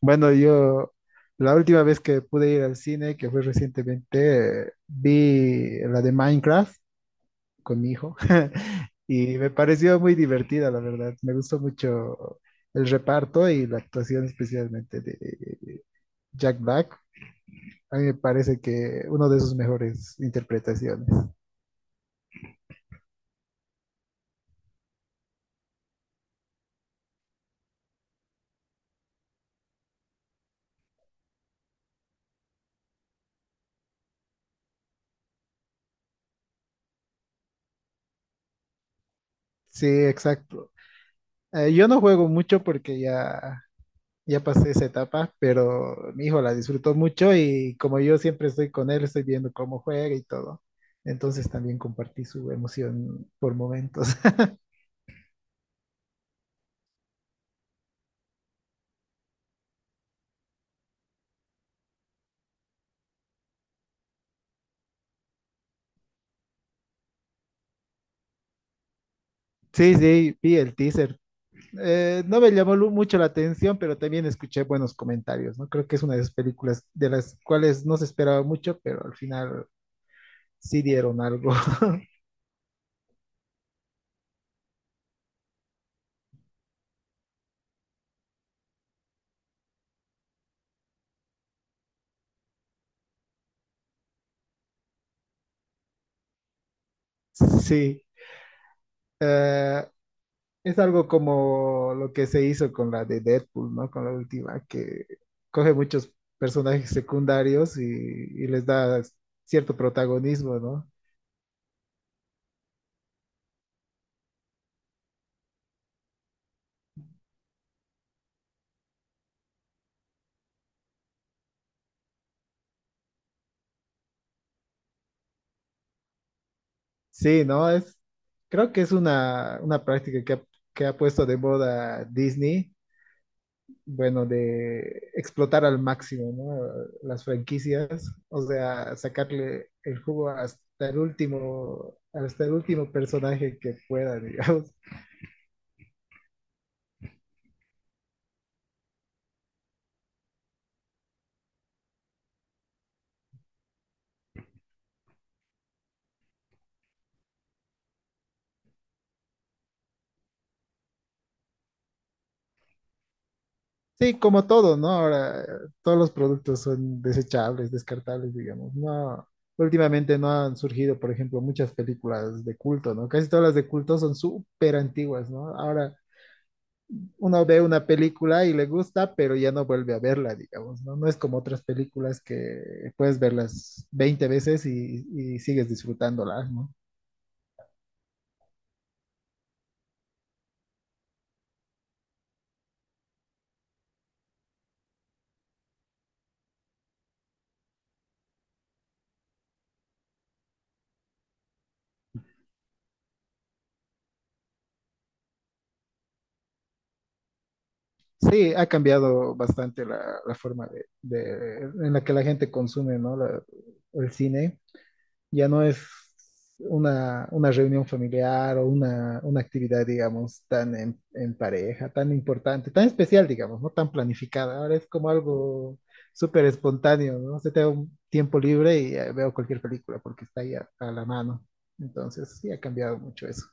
Bueno, yo la última vez que pude ir al cine, que fue recientemente, vi la de Minecraft con mi hijo y me pareció muy divertida, la verdad. Me gustó mucho el reparto y la actuación especialmente de Jack Black. A mí me parece que uno de sus mejores interpretaciones. Sí, exacto. Yo no juego mucho porque ya pasé esa etapa, pero mi hijo la disfrutó mucho y como yo siempre estoy con él, estoy viendo cómo juega y todo. Entonces también compartí su emoción por momentos. Sí, sí, vi el teaser. No me llamó mucho la atención, pero también escuché buenos comentarios, ¿no? Creo que es una de esas películas de las cuales no se esperaba mucho, pero al final sí dieron algo. Sí. Eh, Es algo como lo que se hizo con la de Deadpool, ¿no? Con la última, que coge muchos personajes secundarios y les da cierto protagonismo, ¿no? Sí, ¿no? Creo que es una práctica que ha puesto de moda Disney, bueno, de explotar al máximo, ¿no? Las franquicias, o sea, sacarle el jugo hasta el último personaje que pueda, digamos. Sí, como todo, ¿no? Ahora todos los productos son desechables, descartables, digamos. No, últimamente no han surgido, por ejemplo, muchas películas de culto, ¿no? Casi todas las de culto son súper antiguas, ¿no? Ahora uno ve una película y le gusta, pero ya no vuelve a verla, digamos, ¿no? No es como otras películas que puedes verlas 20 veces y sigues disfrutándolas, ¿no? Sí, ha cambiado bastante la forma en la que la gente consume, ¿no? El cine. Ya no es una reunión familiar o una actividad, digamos, en pareja, tan importante, tan especial, digamos, no tan planificada. Ahora es como algo súper espontáneo, ¿no? Se te da un tiempo libre y veo cualquier película porque está ahí a la mano. Entonces, sí ha cambiado mucho eso.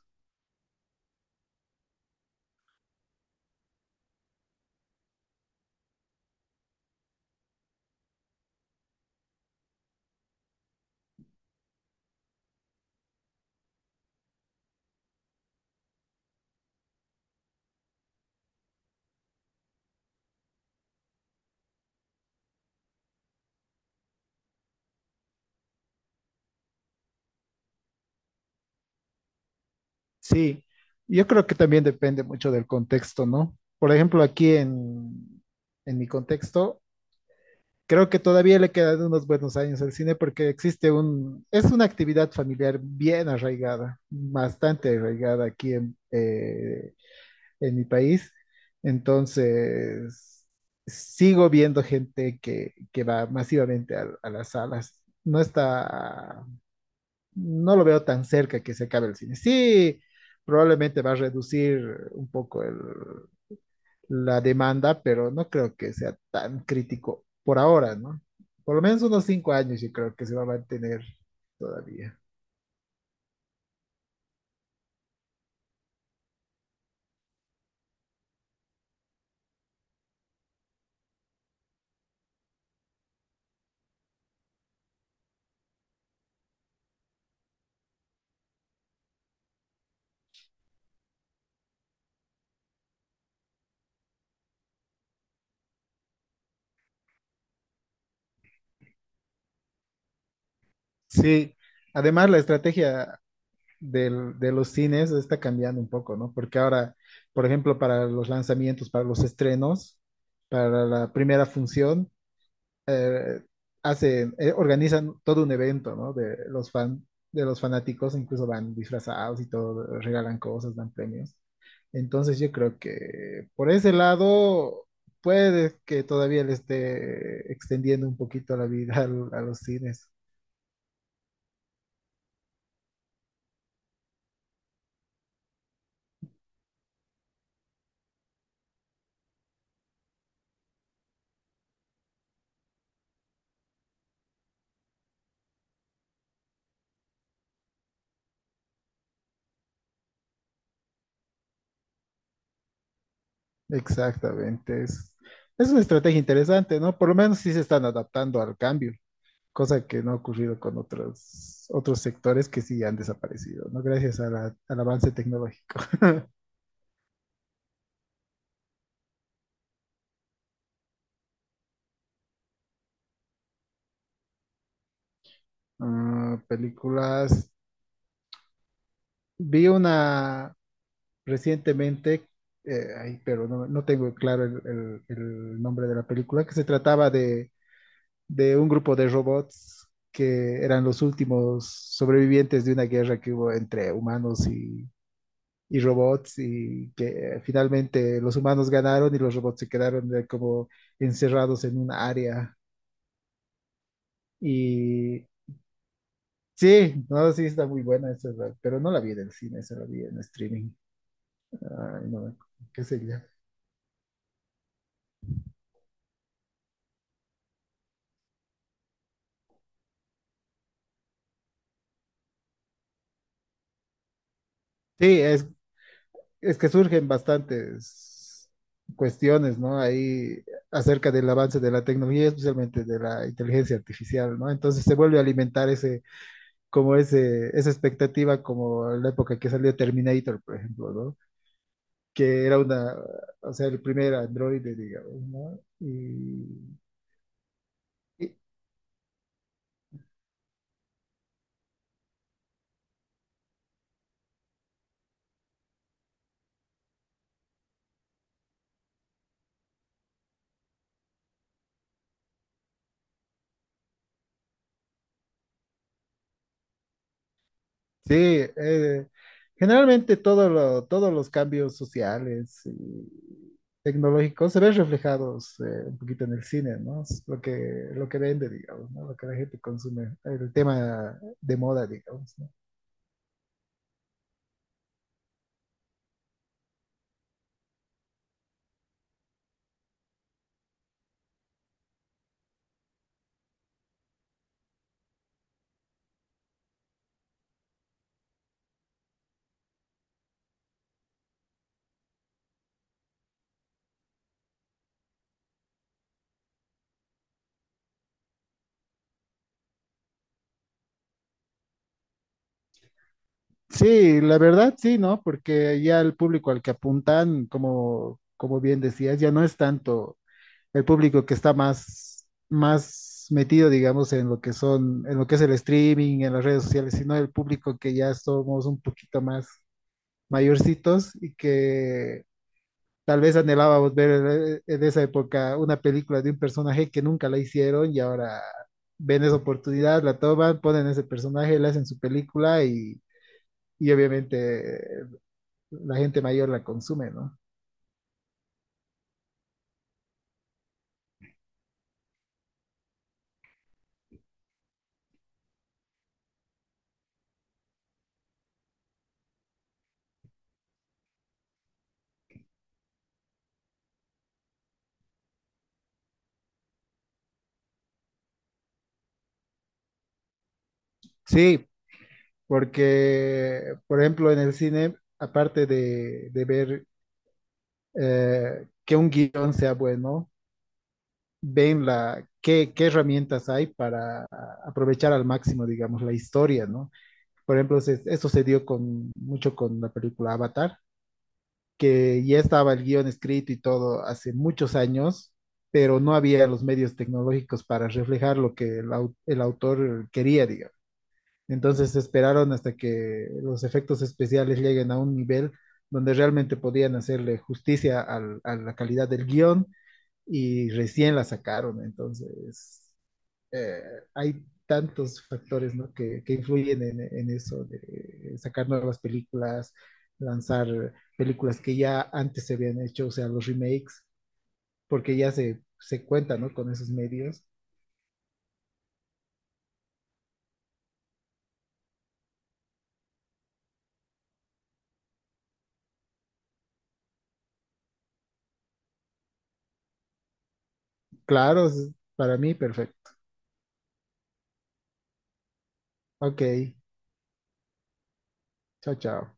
Sí, yo creo que también depende mucho del contexto, ¿no? Por ejemplo, en mi contexto, creo que todavía le quedan unos buenos años al cine porque es una actividad familiar bien arraigada, bastante arraigada en mi país. Entonces, sigo viendo gente que va masivamente a las salas. No lo veo tan cerca que se acabe el cine. Sí, probablemente va a reducir un poco la demanda, pero no creo que sea tan crítico por ahora, ¿no? Por lo menos unos 5 años yo creo que se va a mantener todavía. Sí, además la estrategia de los cines está cambiando un poco, ¿no? Porque ahora, por ejemplo, para los lanzamientos, para los estrenos, para la primera función, eh, organizan todo un evento, ¿no? De los fanáticos, incluso van disfrazados y todo, regalan cosas, dan premios. Entonces yo creo que por ese lado puede que todavía le esté extendiendo un poquito la vida los cines. Exactamente. Es una estrategia interesante, ¿no? Por lo menos sí se están adaptando al cambio, cosa que no ha ocurrido con otros, otros sectores que sí han desaparecido, ¿no? Gracias a al avance tecnológico. Ah, películas. Vi una recientemente, ay, pero no, no tengo claro el nombre de la película, que se trataba de un grupo de robots que eran los últimos sobrevivientes de una guerra que hubo entre humanos y robots y que finalmente los humanos ganaron y los robots se quedaron como encerrados en un área. Y sí, no, sí está muy buena esa, pero no la vi en el cine, esa la vi en streaming. Ay, no, qué sé yo. Sí, es que surgen bastantes cuestiones, ¿no? Ahí acerca del avance de la tecnología, especialmente de la inteligencia artificial, ¿no? Entonces se vuelve a alimentar esa expectativa, como en la época que salió Terminator, por ejemplo, ¿no? Que era una, o sea, el primer androide, digamos, ¿no? Y, Sí, generalmente todos los cambios sociales y tecnológicos se ven reflejados un poquito en el cine, ¿no? Es lo que vende, digamos, ¿no? Lo que la gente consume, el tema de moda, digamos, ¿no? Sí, la verdad sí, ¿no? Porque ya el público al que apuntan, como, como bien decías, ya no es tanto. El público que está más metido, digamos, en en lo que es el streaming, en las redes sociales, sino el público que ya somos un poquito más mayorcitos y que tal vez anhelábamos ver en esa época una película de un personaje que nunca la hicieron y ahora ven esa oportunidad, la toman, ponen ese personaje, la hacen su película y obviamente la gente mayor la consume, ¿no? Sí, porque, por ejemplo, en el cine, de ver que un guión sea bueno, ven qué herramientas hay para aprovechar al máximo, digamos, la historia, ¿no? Por ejemplo, eso se dio mucho con la película Avatar, que ya estaba el guión escrito y todo hace muchos años, pero no había los medios tecnológicos para reflejar lo que el autor quería, digamos. Entonces esperaron hasta que los efectos especiales lleguen a un nivel donde realmente podían hacerle justicia a la calidad del guión y recién la sacaron. Entonces, eh, hay tantos factores, ¿no? Que influyen en eso de sacar nuevas películas, lanzar películas que ya antes se habían hecho, o sea, los remakes, porque ya se cuenta, ¿no? con esos medios. Claro, para mí, perfecto. Ok, chao, chao.